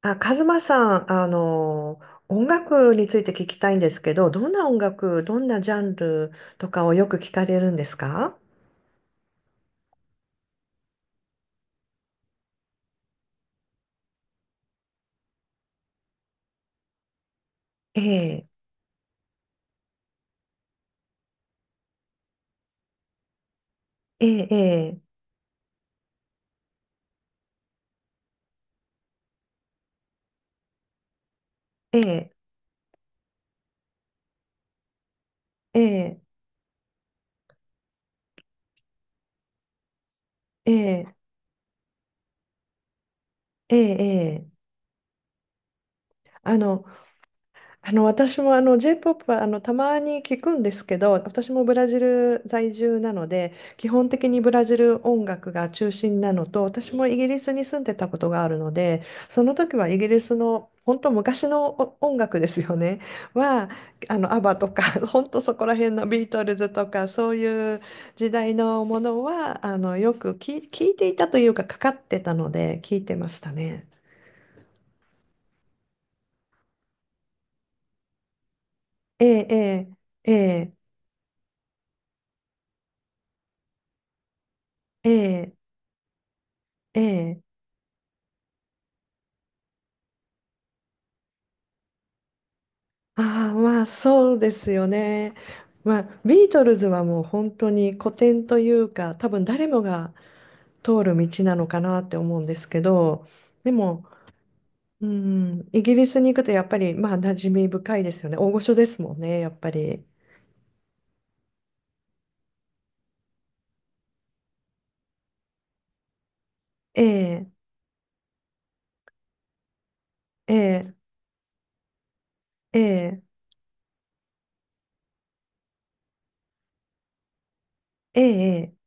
あ、カズマさん、音楽について聞きたいんですけど、どんな音楽、どんなジャンルとかをよく聞かれるんですか？ええ、ええ、ええ、ええ、ええ、ええ、ええ、あの、私もJ-POP はたまに聞くんですけど、私もブラジル在住なので基本的にブラジル音楽が中心なのと、私もイギリスに住んでたことがあるので、その時はイギリスの本当昔のお音楽ですよね。はアバとか 本当そこら辺のビートルズとかそういう時代のものはよく聞いていたというかかかってたので聞いてましたね。ええええええええええああ、まあそうですよね。まあビートルズはもう本当に古典というか、多分誰もが通る道なのかなって思うんですけど、でも、うん、イギリスに行くとやっぱりまあ馴染み深いですよね、大御所ですもんね、やっぱり。ええええええええええ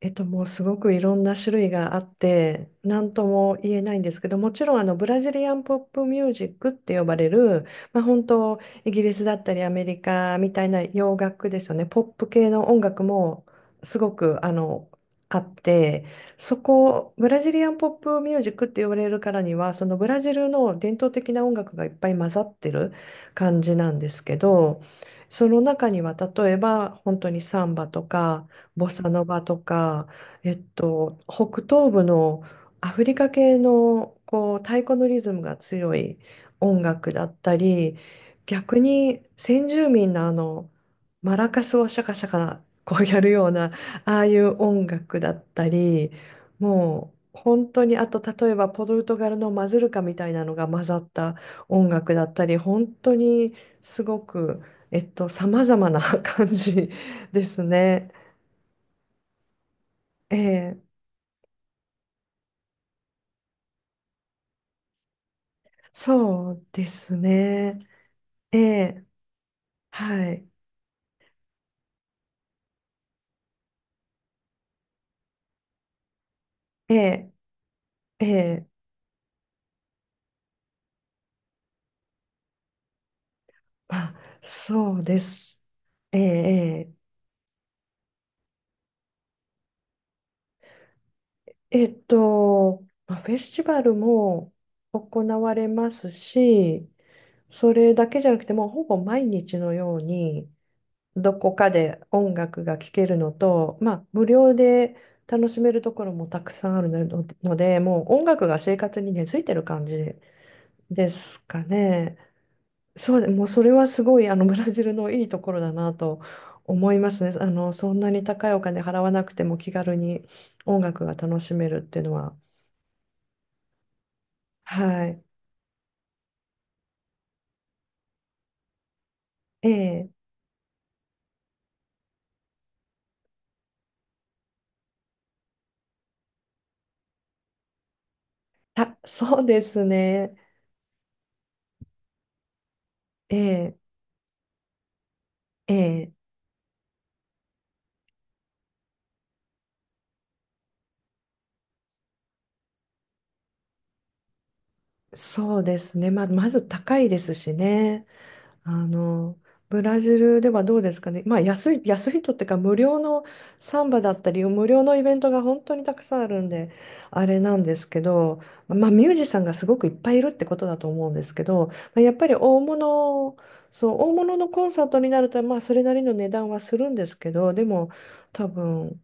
もうすごくいろんな種類があって、何とも言えないんですけど、もちろんブラジリアンポップミュージックって呼ばれる、まあ、本当、イギリスだったりアメリカみたいな洋楽ですよね、ポップ系の音楽もすごくあって、そこ、ブラジリアンポップミュージックって呼ばれるからには、そのブラジルの伝統的な音楽がいっぱい混ざってる感じなんですけど、その中には例えば本当にサンバとか、ボサノバとか、北東部のアフリカ系のこう太鼓のリズムが強い音楽だったり、逆に先住民のマラカスをシャカシャカこうやるようなああいう音楽だったり、もう本当にあと例えばポルトガルのマズルカみたいなのが混ざった音楽だったり、本当にすごく。様々な 感じですね。ええ、そうですね。ええ、はい。ええ、ええ、あ、そうです。えええ、えまあ、フェスティバルも行われますし、それだけじゃなくて、もうほぼ毎日のように、どこかで音楽が聴けるのと、まあ、無料で楽しめるところもたくさんあるので、もう音楽が生活に根付いてる感じですかね。そうで、もうそれはすごいブラジルのいいところだなと思いますね。そんなに高いお金払わなくても気軽に音楽が楽しめるっていうのは。はい。ええ、そうですね。ええ、ええ、そうですね。まず高いですしね。あの、ブラジルではどうですかね。まあ、安い、安いとってか、無料のサンバだったり、無料のイベントが本当にたくさんあるんで、あれなんですけど、まあ、ミュージシャンがすごくいっぱいいるってことだと思うんですけど、まあ、やっぱり大物、そう、大物のコンサートになると、まあ、それなりの値段はするんですけど、でも、多分、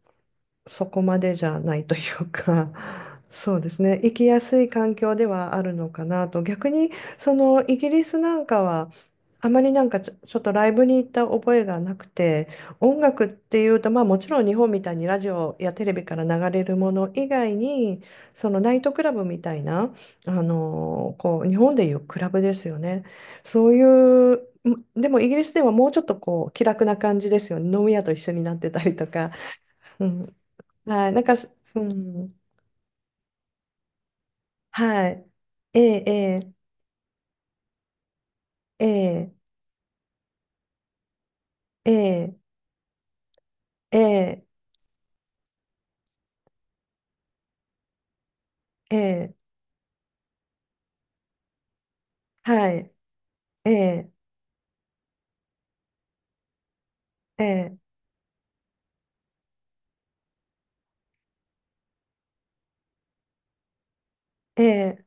そこまでじゃないというか、そうですね、生きやすい環境ではあるのかなと、逆にそのイギリスなんかは、あまりなんかちょっとライブに行った覚えがなくて、音楽っていうと、まあもちろん日本みたいにラジオやテレビから流れるもの以外に、そのナイトクラブみたいな、こう日本でいうクラブですよね。そういう、でもイギリスではもうちょっとこう気楽な感じですよね。飲み屋と一緒になってたりとか。うん、はい、なんか、うん、はい。ええ、ええ、ええ、ええ、ええ、はい、ええ、ええ、ええ、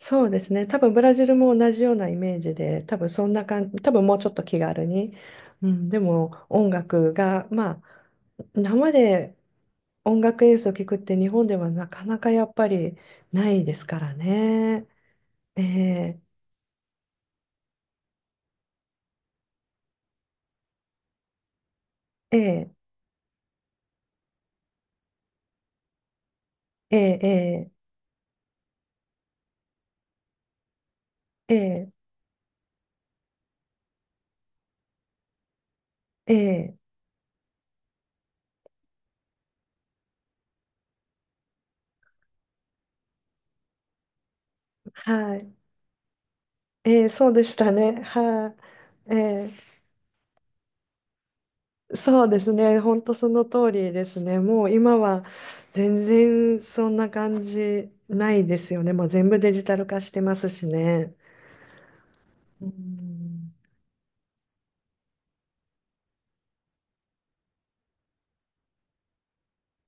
そうですね。多分ブラジルも同じようなイメージで、多分そんな感じ、多分もうちょっと気軽に。うん、でも音楽が、まあ、生で音楽演奏を聞くって日本ではなかなかやっぱりないですからね。ええ、ええ、ええ、ええ、ええ、ええはい。そうでしたね。はい、そうですね。本当その通りですね。もう今は全然そんな感じないですよね。もう全部デジタル化してますしね。うん、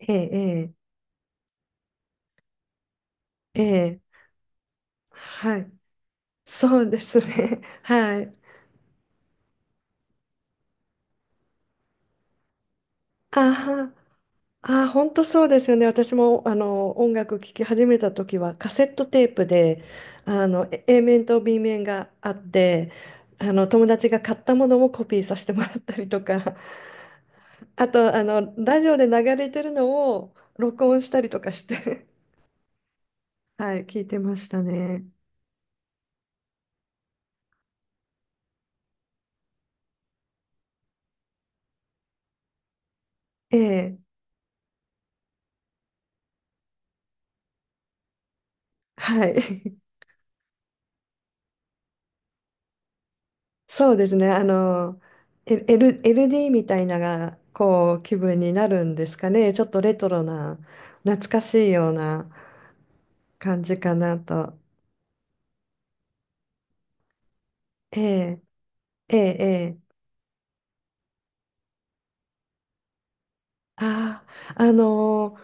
ええええええはい。そうですね。はい。あは。ああ、本当そうですよね。私も音楽聴き始めた時はカセットテープであのえ A面と B面があって、友達が買ったものをコピーさせてもらったりとか、あとラジオで流れてるのを録音したりとかして はい、聞いてましたね。ええ、はい。そうですね。LD みたいなが、こう、気分になるんですかね。ちょっとレトロな、懐かしいような感じかなと。ええ、ええ、ええ。ああ、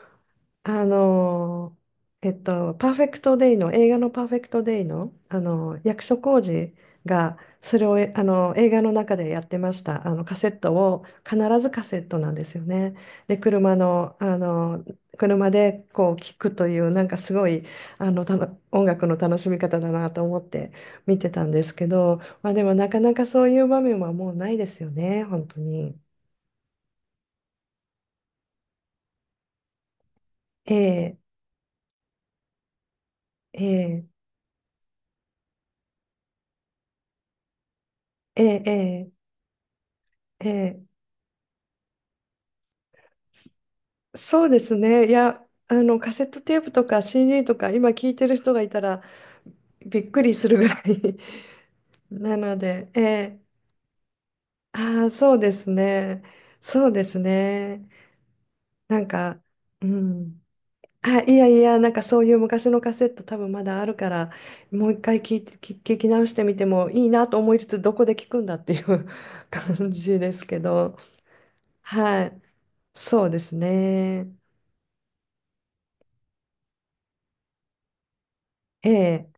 あのパーフェクトデイの、映画のパーフェクトデイの、役所広司が、それを、えあのー映画の中でやってました。カセットを、必ずカセットなんですよね。で、車の、車でこう聞くという、なんかすごい、たの音楽の楽しみ方だなと思って見てたんですけど、まあでもなかなかそういう場面はもうないですよね、本当に。ええええええええええそうですね。いや、カセットテープとか CD とか、今聞いてる人がいたらびっくりするぐらい なので、ええああ、そうですね。そうですね。なんか、うん。あ、いやいや、なんかそういう昔のカセット多分まだあるから、もう一回聞いて、聞き直してみてもいいなと思いつつ、どこで聞くんだっていう 感じですけど、はい。そうですね。ええ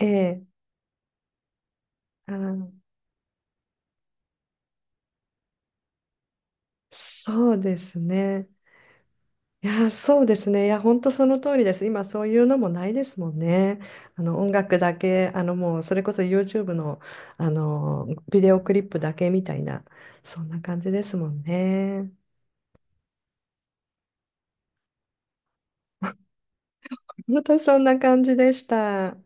ええあーそうですね。いや、そうですね。いや、本当その通りです。今、そういうのもないですもんね。あの音楽だけ、もう、それこそ YouTube の、あのビデオクリップだけみたいな、そんな感じですもんね。本当そんな感じでした。